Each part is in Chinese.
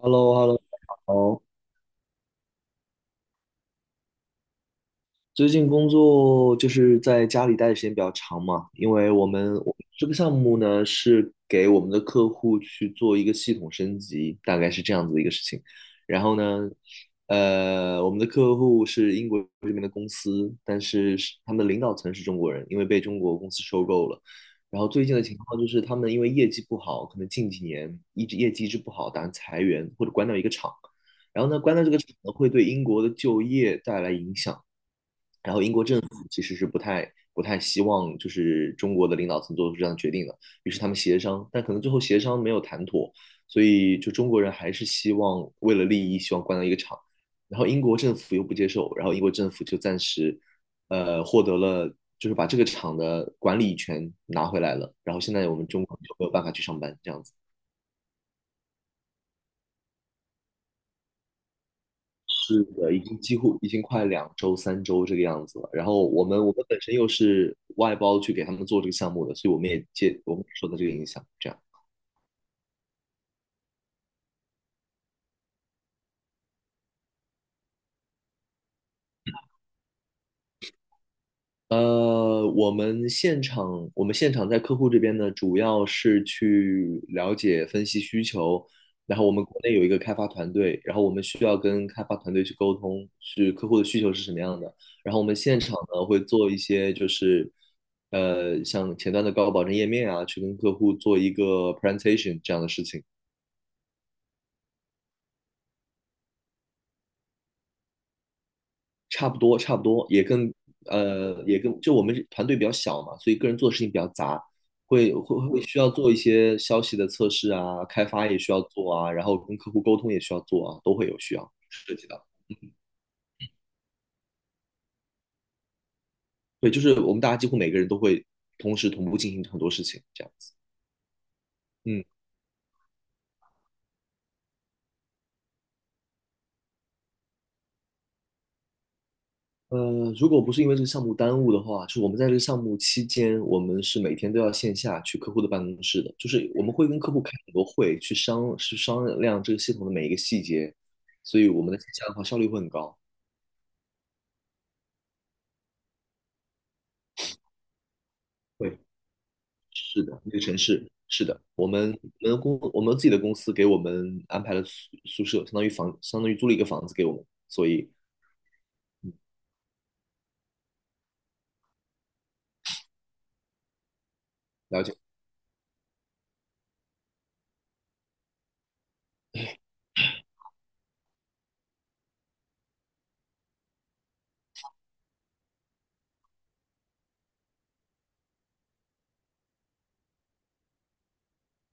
h e l l o h e l l o 好，最近工作就是在家里待的时间比较长嘛，因为我们这个项目呢是给我们的客户去做一个系统升级，大概是这样子的一个事情。然后呢，我们的客户是英国这边的公司，但是是他们的领导层是中国人，因为被中国公司收购了。然后最近的情况就是他们因为业绩不好，可能近几年一直业绩一直不好，打算裁员或者关掉一个厂。然后呢，关掉这个厂呢，会对英国的就业带来影响。然后英国政府其实是不太希望就是中国的领导层做出这样的决定的，于是他们协商，但可能最后协商没有谈妥，所以就中国人还是希望为了利益希望关掉一个厂，然后英国政府又不接受，然后英国政府就暂时获得了就是把这个厂的管理权拿回来了，然后现在我们中国就没有办法去上班这样子。是的，已经几乎已经快两周、三周这个样子了。然后我们本身又是外包去给他们做这个项目的，所以我们也受到这个影响。这样。我们现场在客户这边呢，主要是去了解、分析需求，然后我们国内有一个开发团队，然后我们需要跟开发团队去沟通，是客户的需求是什么样的，然后我们现场呢会做一些就是，像前端的高保证页面啊，去跟客户做一个 presentation 这样的事情。差不多，差不多，也跟就我们团队比较小嘛，所以个人做的事情比较杂，会需要做一些消息的测试啊，开发也需要做啊，然后跟客户沟通也需要做啊，都会有需要涉及到。对，就是我们大家几乎每个人都会同时同步进行很多事情，这样子。嗯。如果不是因为这个项目耽误的话，就是我们在这个项目期间，我们是每天都要线下去客户的办公室的，就是我们会跟客户开很多会，去商量这个系统的每一个细节，所以我们的线下的话效率会很高。对，是的，那个城市是的，我们自己的公司给我们安排了宿舍，相当于租了一个房子给我们，所以。了解。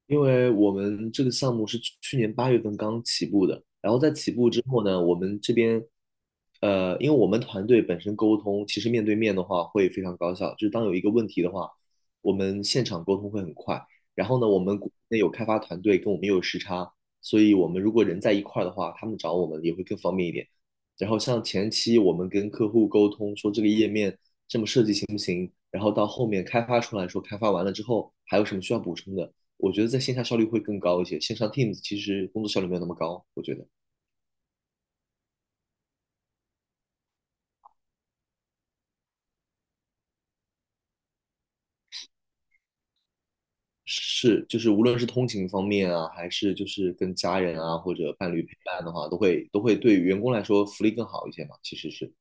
因为我们这个项目是去年八月份刚起步的，然后在起步之后呢，我们这边，因为我们团队本身沟通，其实面对面的话会非常高效，就是当有一个问题的话，我们现场沟通会很快。然后呢，我们国内有开发团队跟我们也有时差，所以我们如果人在一块儿的话，他们找我们也会更方便一点。然后像前期我们跟客户沟通说这个页面然后到后面开发出来说，开发完了之后还有什么需要补充的，我觉得在线下效率会更高一些。线上 Teams 其实工作效率没有那么高，我觉得是就是无论是通勤方面啊，还是就是跟家人啊或者伴侣陪伴的话，都会对员工来说福利更好一些嘛。其实是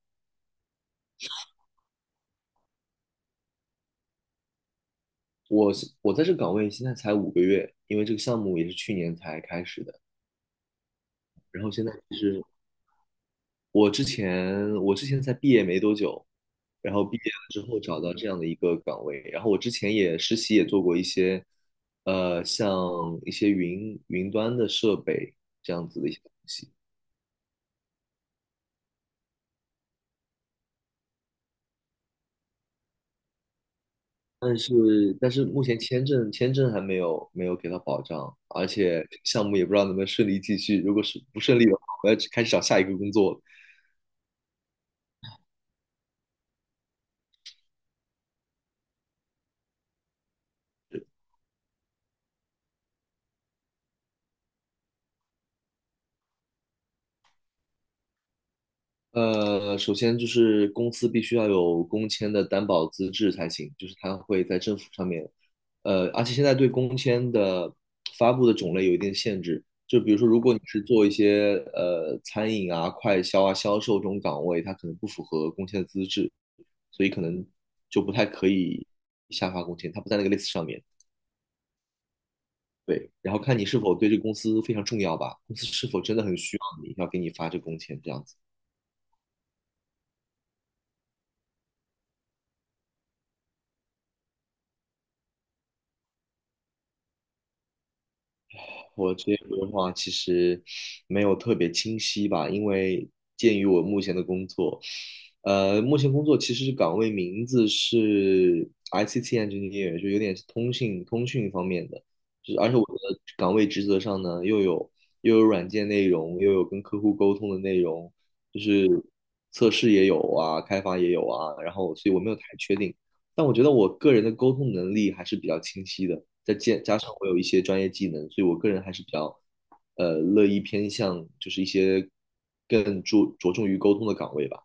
我我在这个岗位现在才5个月，因为这个项目也是去年才开始的，然后现在就是我之前才毕业没多久，然后毕业了之后找到这样的一个岗位，然后我之前也实习也做过一些，像一些云端的设备这样子的一些东西，但是但是目前签证还没有给到保障，而且项目也不知道能不能顺利继续，如果是不顺利的话，我要去开始找下一个工作了首先就是公司必须要有工签的担保资质才行，就是它会在政府上面，而且现在对工签的发布的种类有一定限制，就比如说，如果你是做一些餐饮啊、快销啊、销售这种岗位，它可能不符合工签的资质，所以可能就不太可以下发工签，它不在那个 list 上面。对，然后看你是否对这个公司非常重要吧，公司是否真的很需要你，要给你发这个工签这样子。我职业规划其实没有特别清晰吧，因为鉴于我目前的工作，目前工作其实是岗位名字是 ICT engineer，就有点是通信通讯方面的，就是而且我的岗位职责上呢，又有软件内容，又有跟客户沟通的内容，就是测试也有啊，开发也有啊，然后所以我没有太确定。但我觉得我个人的沟通能力还是比较清晰的，加上我有一些专业技能，所以我个人还是比较，乐意偏向就是一些更注着重于沟通的岗位吧，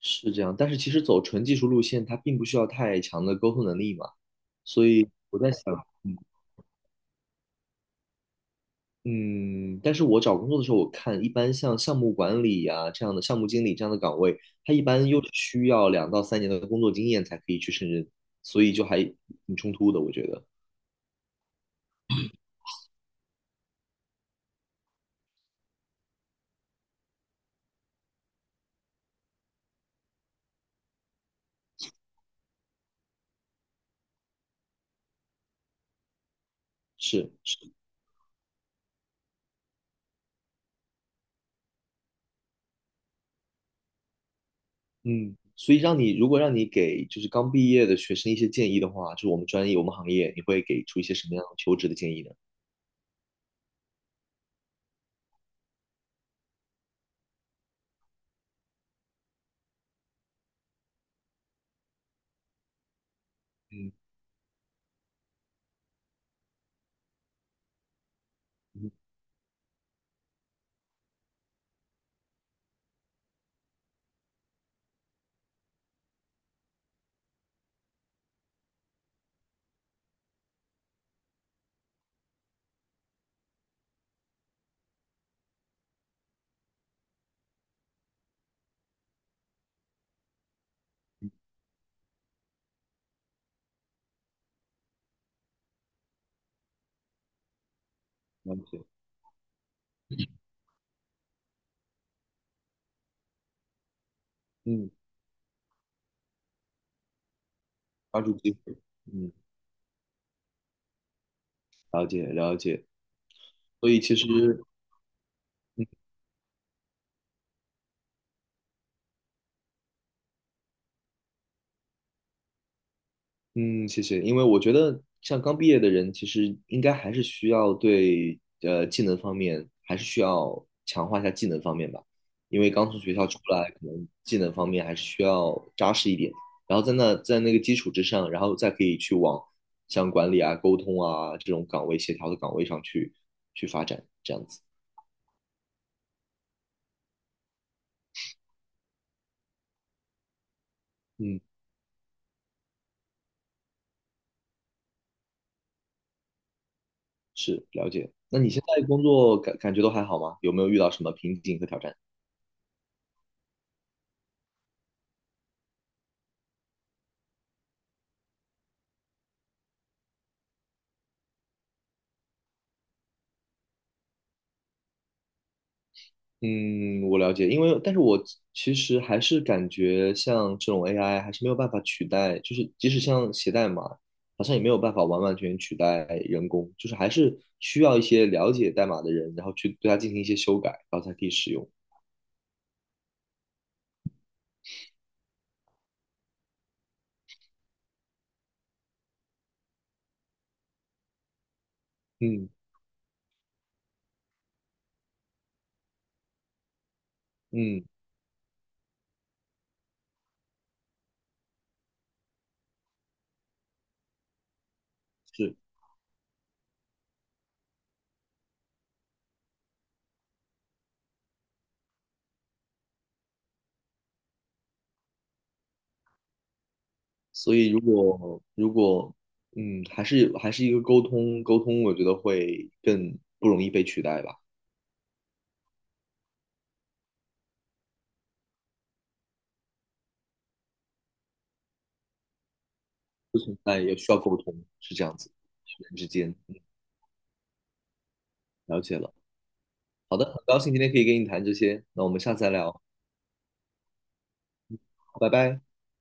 是这样。但是其实走纯技术路线，它并不需要太强的沟通能力嘛，所以我在想，嗯，但是我找工作的时候，我看一般像项目管理呀、这样的项目经理这样的岗位，它一般又是需要2到3年的工作经验才可以去胜任，所以就还挺冲突的，我觉得。是是，嗯，所以如果让你给就是刚毕业的学生一些建议的话，就是我们专业我们行业，你会给出一些什么样的求职的建议呢？嗯嗯，了解，嗯，抓住机会，嗯，了解了解。所以其实嗯，谢谢。因为我觉得，像刚毕业的人，其实应该还是需要对技能方面，还是需要强化一下技能方面吧。因为刚从学校出来，可能技能方面还是需要扎实一点。然后在那个基础之上，然后再可以去往像管理啊、沟通啊这种岗位、协调的岗位上去发展，这样子。嗯，是了解。那你现在工作感觉都还好吗？有没有遇到什么瓶颈和挑战？嗯，我了解，因为但是我其实还是感觉像这种 AI 还是没有办法取代，就是即使像写代码，好像也没有办法完完全全取代人工，就是还是需要一些了解代码的人，然后去对它进行一些修改，然后才可以使用。嗯嗯，是，所以如果嗯，还是一个沟通，我觉得会更不容易被取代吧，不存在也需要沟通，是这样子，人之间，嗯，了解了。好的，很高兴今天可以跟你谈这些，那我们下次再聊，拜拜。